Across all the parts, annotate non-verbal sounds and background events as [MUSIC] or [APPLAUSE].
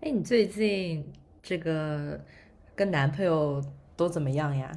哎，你最近这个跟男朋友都怎么样呀？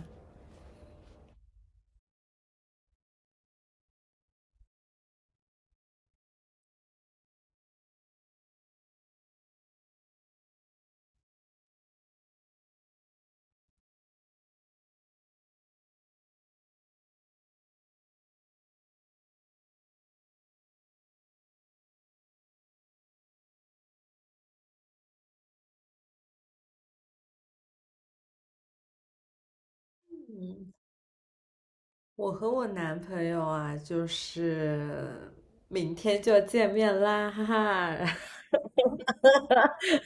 我和我男朋友啊，就是明天就要见面啦，哈哈，[LAUGHS]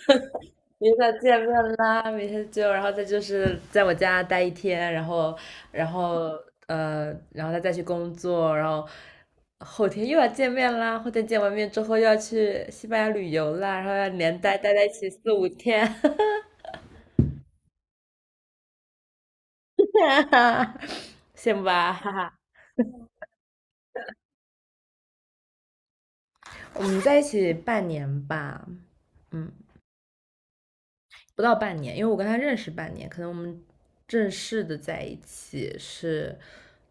明天就要见面啦，明天就，然后再就是在我家待一天，然后，然后他再去工作，然后后天又要见面啦，后天见完面之后又要去西班牙旅游啦，然后要连待在一起四五天，[LAUGHS] [LAUGHS] 羡慕吧，哈哈。我们在一起半年吧，嗯，不到半年，因为我跟他认识半年，可能我们正式的在一起是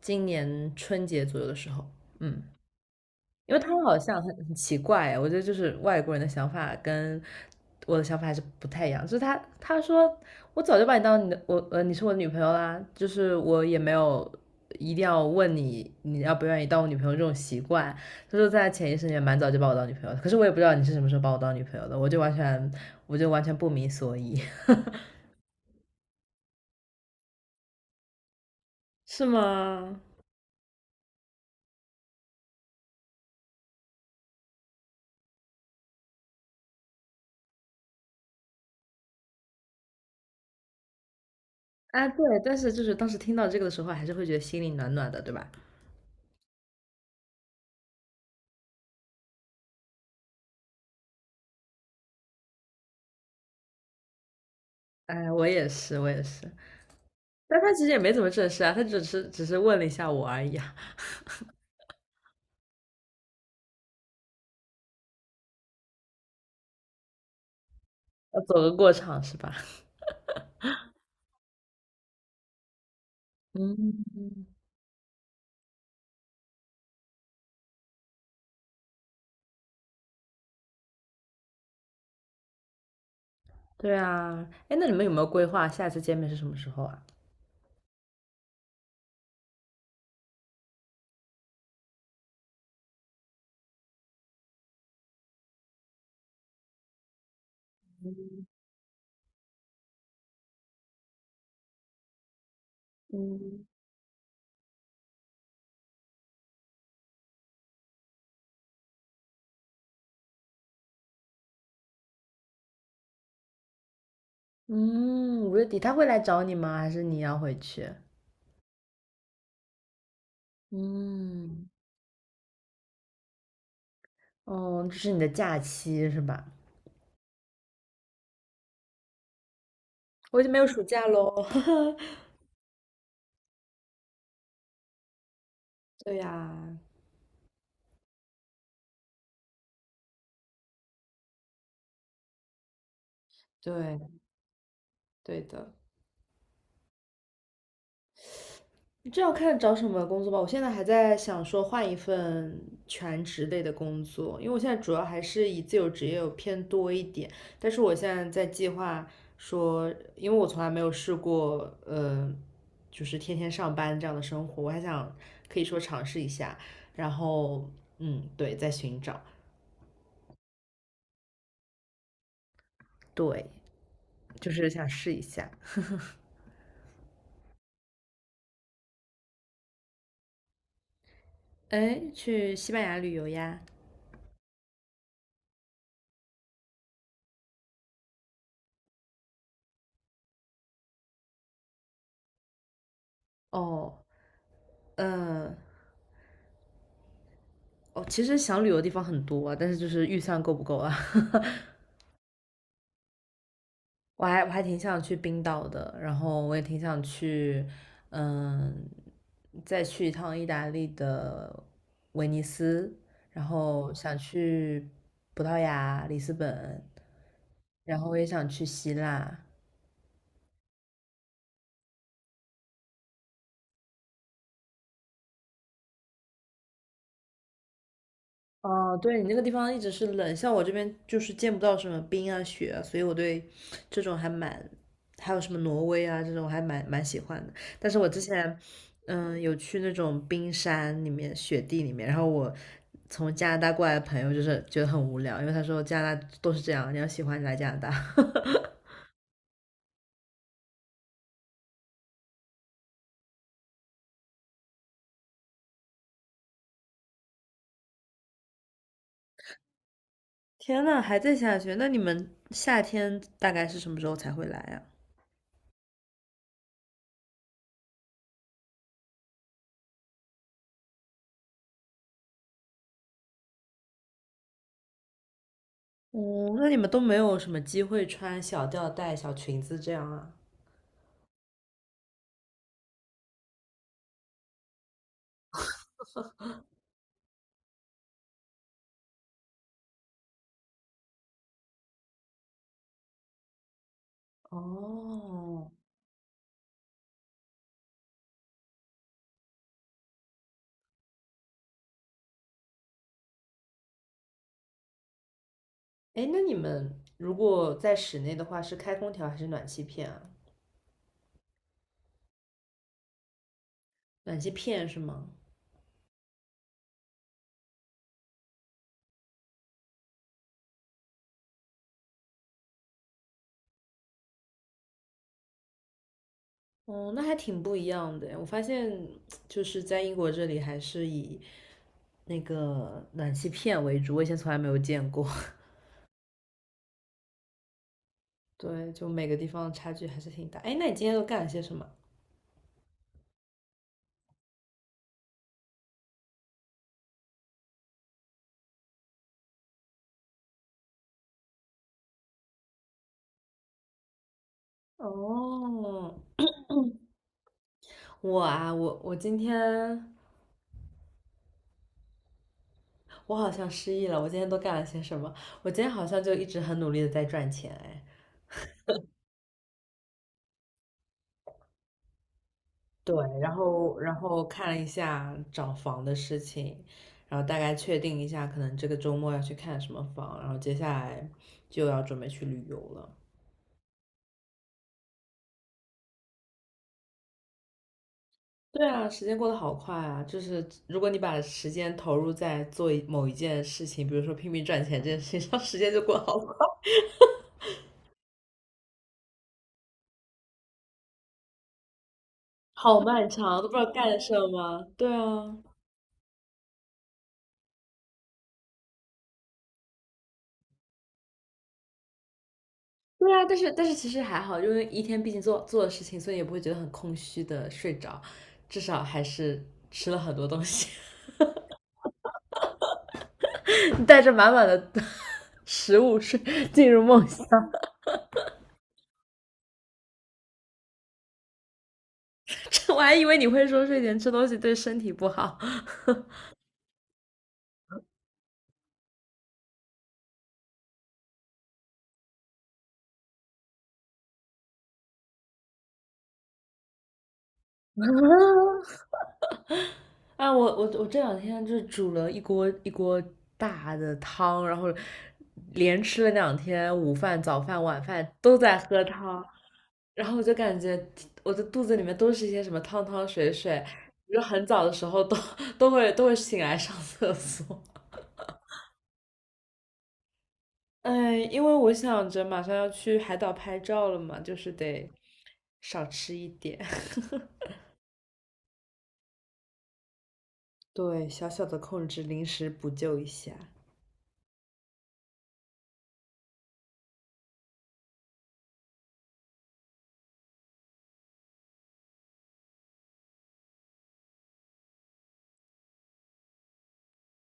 今年春节左右的时候，嗯，因为他们好像很奇怪哎我觉得就是外国人的想法跟我的想法还是不太一样。就是他说我早就把你当你是我的女朋友啦，就是我也没有一定要问你你要不愿意当我女朋友这种习惯。他说在潜意识里面蛮早就把我当女朋友的，可是我也不知道你是什么时候把我当女朋友的，我就完全不明所以。[LAUGHS] 是吗？啊，对，但是就是当时听到这个的时候，还是会觉得心里暖暖的，对吧？哎，我也是，我也是。但他其实也没怎么正式啊，他只是问了一下我而已啊，要走个过场是吧？嗯，对啊，哎，那你们有没有规划下次见面是什么时候啊？嗯，嗯，5月底他会来找你吗？还是你要回去？嗯，哦，这是你的假期是吧？我已经没有暑假喽。[LAUGHS] 对呀，对，对的。这要看找什么工作吧。我现在还在想说换一份全职类的工作，因为我现在主要还是以自由职业偏多一点。但是我现在在计划说，因为我从来没有试过，就是天天上班这样的生活，我还想可以说尝试一下。然后，嗯，对，在寻找，对，就是想试一下。[LAUGHS] 哎，去西班牙旅游呀？哦，嗯。哦，其实想旅游的地方很多啊，但是就是预算够不够啊？[LAUGHS] 我还挺想去冰岛的，然后我也挺想去，嗯，再去一趟意大利的威尼斯，然后想去葡萄牙里斯本，然后我也想去希腊，哦，对，你那个地方一直是冷，像我这边就是见不到什么冰啊雪啊，所以我对这种还蛮，还有什么挪威啊这种还蛮喜欢的。但是我之前，有去那种冰山里面、雪地里面，然后我从加拿大过来的朋友就是觉得很无聊，因为他说加拿大都是这样，你要喜欢你来加拿大。[LAUGHS] 天呐，还在下雪，那你们夏天大概是什么时候才会来啊？哦，那你们都没有什么机会穿小吊带、小裙子这样啊？哦，哎，那你们如果在室内的话，是开空调还是暖气片啊？暖气片是吗？哦，那还挺不一样的诶。我发现就是在英国这里，还是以那个暖气片为主，我以前从来没有见过。[LAUGHS] 对，就每个地方差距还是挺大。哎，那你今天都干了些什么？哦，我啊，我今天我好像失忆了。我今天都干了些什么？我今天好像就一直很努力的在赚钱，对，然后看了一下找房的事情，然后大概确定一下，可能这个周末要去看什么房，然后接下来就要准备去旅游了。对啊，时间过得好快啊！就是如果你把时间投入在做某一件事情，比如说拼命赚钱这件事情上，[LAUGHS] 时间就过得好快，[LAUGHS] 好漫长，都不知道干什么。对啊，对啊，但是其实还好，因为一天毕竟做的事情，所以也不会觉得很空虚的睡着，至少还是吃了很多东西。[LAUGHS] 带着满满的食物睡进入梦乡。[LAUGHS] 这我还以为你会说睡前吃东西对身体不好。[LAUGHS] 啊，我这两天就煮了一锅一锅大的汤，然后连吃了两天午饭、早饭、晚饭都在喝汤，然后我就感觉我的肚子里面都是一些什么汤汤水水，就很早的时候都会醒来上厕所。嗯，因为我想着马上要去海岛拍照了嘛，就是得少吃一点。[LAUGHS] 对，小小的控制，临时补救一下。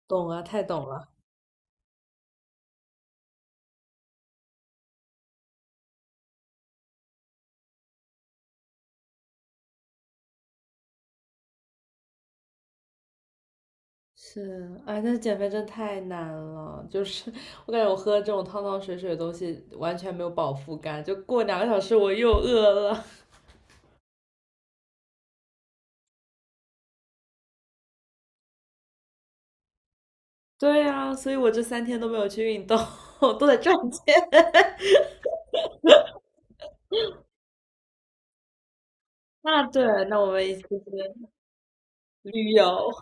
懂啊，太懂了。是，哎，但是减肥真太难了，就是 [LAUGHS] 我感觉我喝这种汤汤水水的东西完全没有饱腹感，就过2个小时我又饿了。[LAUGHS] 对呀，所以我这3天都没有去运动，[LAUGHS] 都在赚钱。[LAUGHS] 那对，那我们一起去旅游。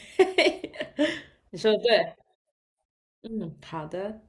[LAUGHS] 你说的对，嗯，好的。